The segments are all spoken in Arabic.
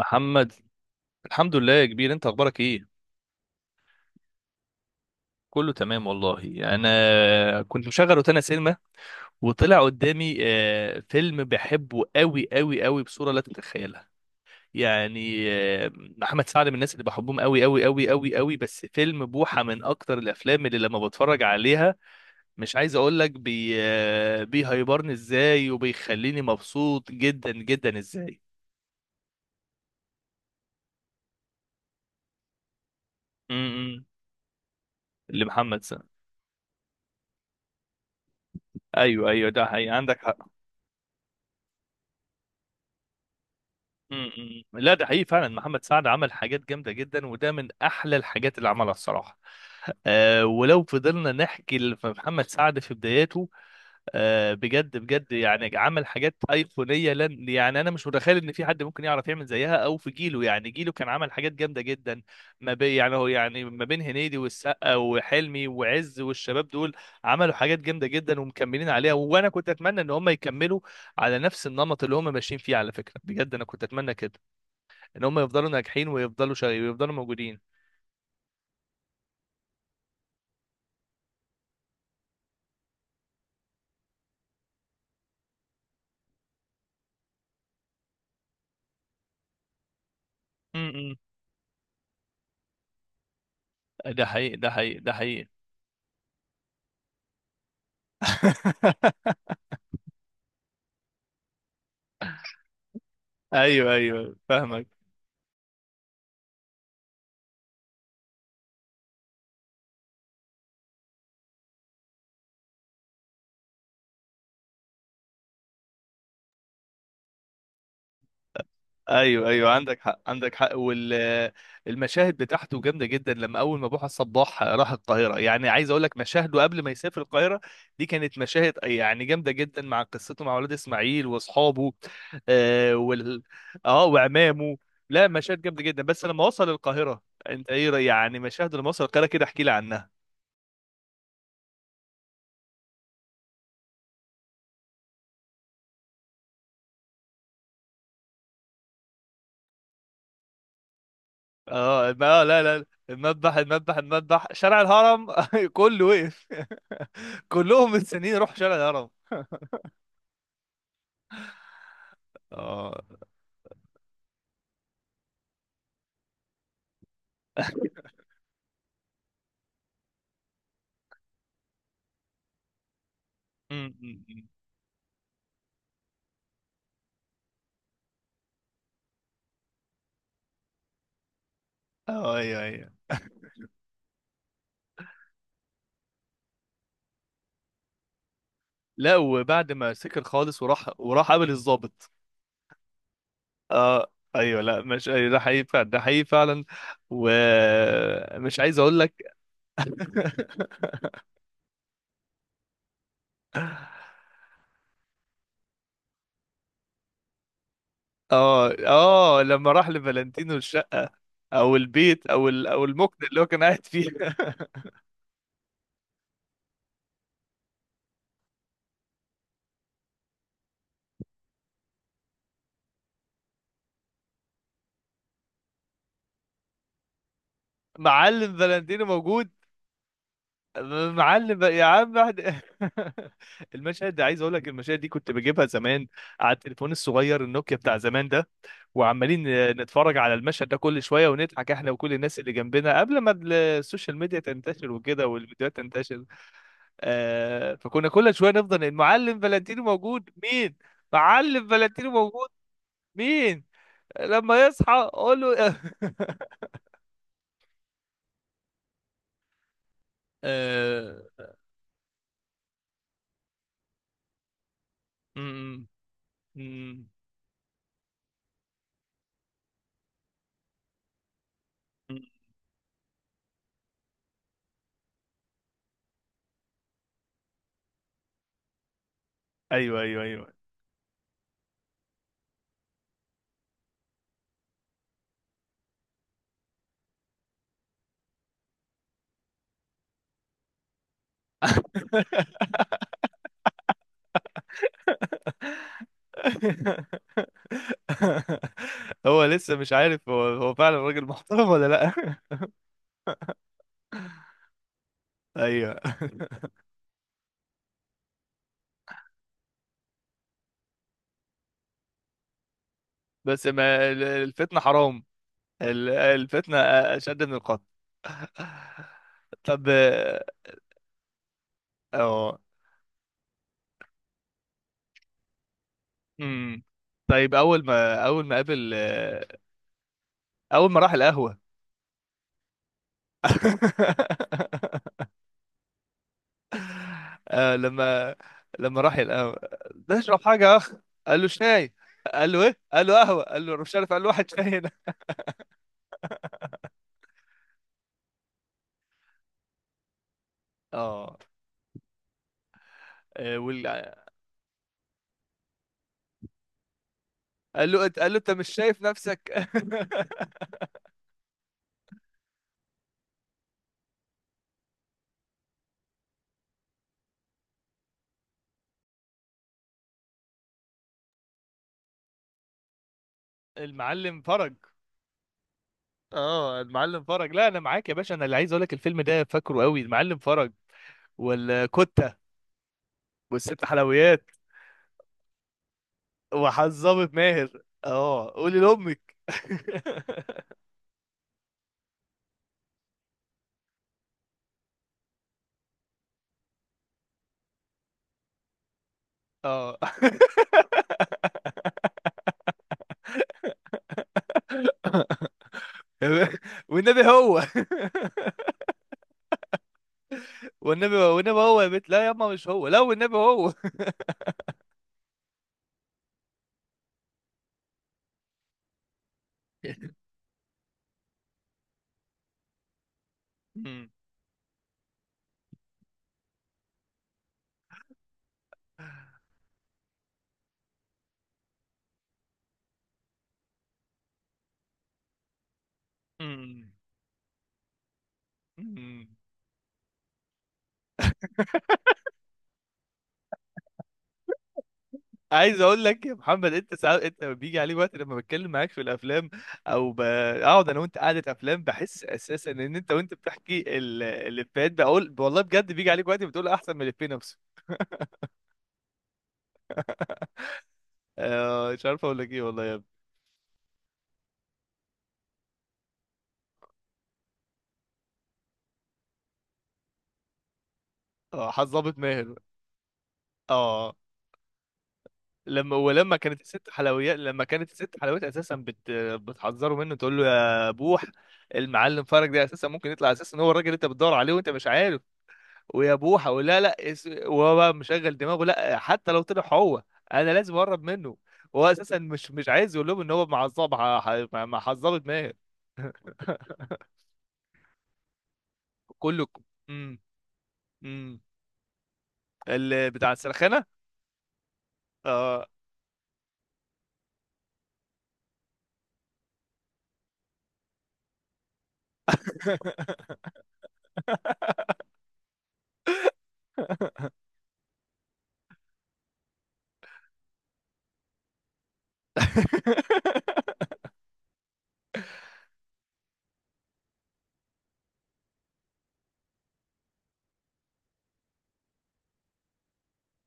محمد. الحمد لله يا كبير، انت اخبارك ايه؟ كله تمام والله. انا كنت مشغل روتانا سينما، وطلع قدامي فيلم بحبه قوي قوي قوي بصوره لا تتخيلها. يعني محمد سعد من الناس اللي بحبهم قوي قوي قوي قوي قوي، بس فيلم بوحه من اكتر الافلام اللي لما بتفرج عليها. مش عايز اقول لك بي آه، بيهيبرني ازاي وبيخليني مبسوط جدا جدا ازاي. امم لمحمد سعد. ايوه ايوه، ده حقيقي، عندك حق. امم. لا ده حقيقي فعلا، محمد سعد عمل حاجات جامده جدا، وده من احلى الحاجات اللي عملها الصراحه. ولو فضلنا نحكي في محمد سعد في بداياته بجد بجد يعني عمل حاجات ايقونيه، لن يعني انا مش متخيل ان في حد ممكن يعرف يعمل زيها او في جيله، يعني جيله كان عمل حاجات جامده جدا ما بين يعني هو يعني ما بين هنيدي والسقا وحلمي وعز والشباب دول. عملوا حاجات جامده جدا ومكملين عليها، وانا كنت اتمنى ان هم يكملوا على نفس النمط اللي هم ماشيين فيه. على فكره بجد انا كنت اتمنى كده، ان هم يفضلوا ناجحين ويفضلوا شغالين ويفضلوا موجودين. م- م. ده حقيقي ده حقيقي ده حقيقي. ايوه ايوه فاهمك. ايوه ايوه عندك حق عندك حق. والمشاهد بتاعته جامده جدا، لما اول ما بوحه الصباح راح القاهره، يعني عايز اقول لك مشاهده قبل ما يسافر القاهره دي كانت مشاهد يعني جامده جدا، مع قصته مع ولاد اسماعيل واصحابه آه وال اه وعمامه. لا مشاهد جامده جدا، بس لما وصل القاهره انت ايه يعني مشاهد لما وصل القاهره، كده احكي لي عنها. اه ما لا لا، المذبح المذبح المذبح شارع الهرم كله وقف. كلهم مستنيين يروحوا شارع الهرم. اه أمم. اه ايوه ايوه. لا وبعد ما سكر خالص وراح وراح قابل الضابط. اه ايوه، لا مش أيوة، ده حقيقي فعلا، ده حقيقي فعلا. ومش عايز اقول لك. اه لما راح لفالنتينو الشقه او البيت او المكن اللي هو كان قاعد فيه. معلم فالنتينو موجود. معلم بقى يا عم احنا. المشهد ده عايز اقول لك المشاهد دي كنت بجيبها زمان على التليفون الصغير النوكيا بتاع زمان ده، وعمالين نتفرج على المشهد ده كل شويه ونضحك احنا وكل الناس اللي جنبنا، قبل ما السوشيال ميديا تنتشر وكده والفيديوهات تنتشر. فكنا كل شويه نفضل المعلم فلانتينو موجود مين؟ معلم فلانتينو موجود مين؟ لما يصحى قول له. آه... م- م- م- م- ايوه ايوه ايوه. هو لسه مش عارف هو هو فعلا راجل محترم ولا لا. ايوه. بس ما الفتنة حرام. الفتنة اشد من القتل. طب. اه امم طيب اول ما اول ما قابل اول ما راح القهوة. آه، لما لما راح القهوة. ده اشرب حاجة يا اخ، قال له شاي، قال له ايه، قال له قهوة، قال له مش عارف، قال له واحد شاي هنا. اه قال له انت مش شايف نفسك. المعلم فرج. اه المعلم فرج، لا انا معاك يا باشا، انا اللي عايز اقول لك الفيلم ده فاكره قوي المعلم فرج والكتة والست حلويات وحظامة ماهر. اه قولي لامك. اه. والنبي هو والنبي هو والنبي هو يا بنت، لا يا اما مش هو، لا والنبي هو. أمم، أمم، أمم. عايز اقول لك يا محمد، انت ساعات انت بيجي عليه وقت لما بتكلم معاك في الافلام او بقعد انا وانت قعده افلام، بحس اساسا ان انت وانت بتحكي الافيهات بقول والله بجد بيجي عليك وقت بتقول احسن من الافيه نفسه. مش عارف اقول لك ايه والله يا ابني. اه حظ ظابط ماهر. اه لما ولما كانت الست حلويات لما كانت الست حلويات اساسا بتحذره منه، تقول له يا بوح، المعلم فرج ده اساسا ممكن يطلع اساسا هو الراجل اللي انت بتدور عليه وانت مش عارف، ويا بوحه ولا لا وهو بقى مشغل دماغه، لا حتى لو طلع هو انا لازم اقرب منه، هو اساسا. مش عايز يقول لهم ان هو معصب، معصب دماغ. كله. امم امم اللي بتاع السرخانه. اه.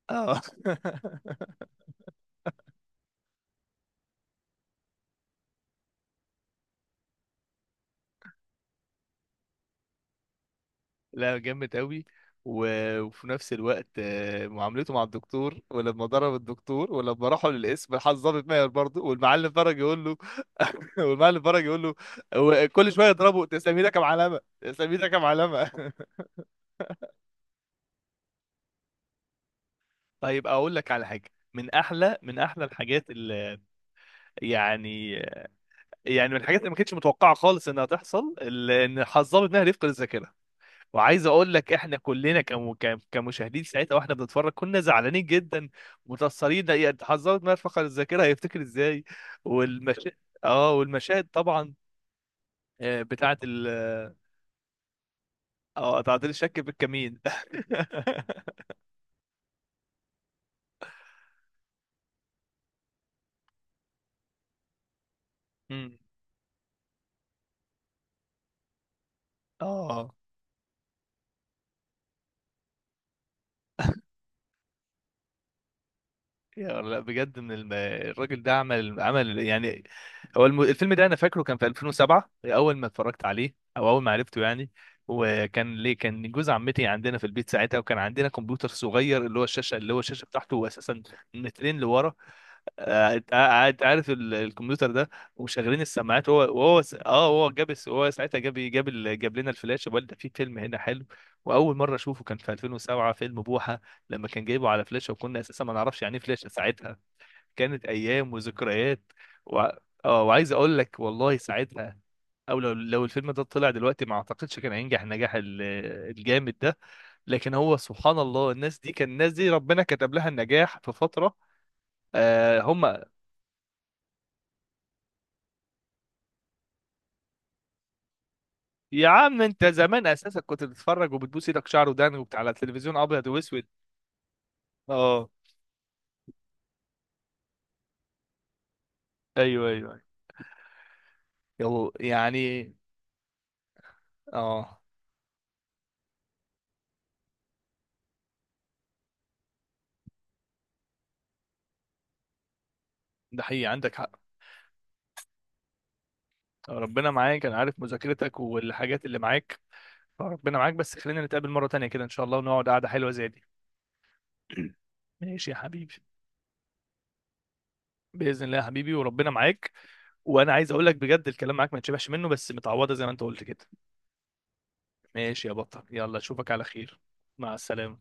اه. لا جامد قوي. وفي نفس الوقت، معاملته مع الدكتور ولما ضرب الدكتور ولما راحوا للقسم، راح الضابط ماهر برضه، والمعلم فرج يقول له. والمعلم فرج يقول له هو كل شويه يضربه تسلم ايدك يا معلمه تسلم ايدك يا معلمه. طيب اقول لك على حاجه من احلى من احلى الحاجات اللي يعني، يعني من الحاجات اللي ما كانتش متوقعه خالص انها تحصل، ان الضابط ماهر يفقد الذاكره. وعايز اقول لك احنا كلنا كمشاهدين ساعتها، واحنا بنتفرج كنا زعلانين جدا متأثرين، يعني حذرت ما فقد الذاكرة هيفتكر ازاي. والمشاهد. طبعا، بتاعت ال اه تعطيل الشك في الكمين. مم. اه يا لا بجد ان الراجل ده عمل عمل، يعني هو الفيلم ده انا فاكره كان في 2007 اول ما اتفرجت عليه او اول ما عرفته، يعني وكان ليه كان جوز عمتي عندنا في البيت ساعتها، وكان عندنا كمبيوتر صغير اللي هو الشاشه اللي هو الشاشه بتاعته اساسا مترين لورا، قاعد عارف الكمبيوتر ده. وشغالين السماعات هو وهو س- اه هو هو ساعتها جاب لنا الفلاش، وقال ده في فيلم هنا حلو. واول مره اشوفه كان في 2007 فيلم بوحه، لما كان جايبه على فلاشه، وكنا اساسا ما نعرفش يعني ايه فلاشه ساعتها. كانت ايام وذكريات. و... اه وعايز اقول لك والله ساعتها، او لو الفيلم ده طلع دلوقتي ما اعتقدش كان هينجح النجاح الجامد ده. لكن هو سبحان الله الناس دي كان الناس دي ربنا كتب لها النجاح في فترة. آه هم يا عم انت زمان اساسا كنت بتتفرج وبتبوس ايدك شعر ودان وبتاع على التلفزيون ابيض واسود. اه ايوه ايوه أيوة. يلا يعني. اه ده حقيقي، عندك حق. ربنا معاك، انا عارف مذاكرتك والحاجات اللي معاك. ربنا معاك، بس خلينا نتقابل مرة تانية كده ان شاء الله، ونقعد قعدة حلوة زي دي. ماشي يا حبيبي، بإذن الله يا حبيبي، وربنا معاك. وانا عايز اقول لك بجد الكلام معاك ما يتشبعش منه، بس متعوضة زي ما انت قلت كده. ماشي يا بطل، يلا اشوفك على خير. مع السلامة.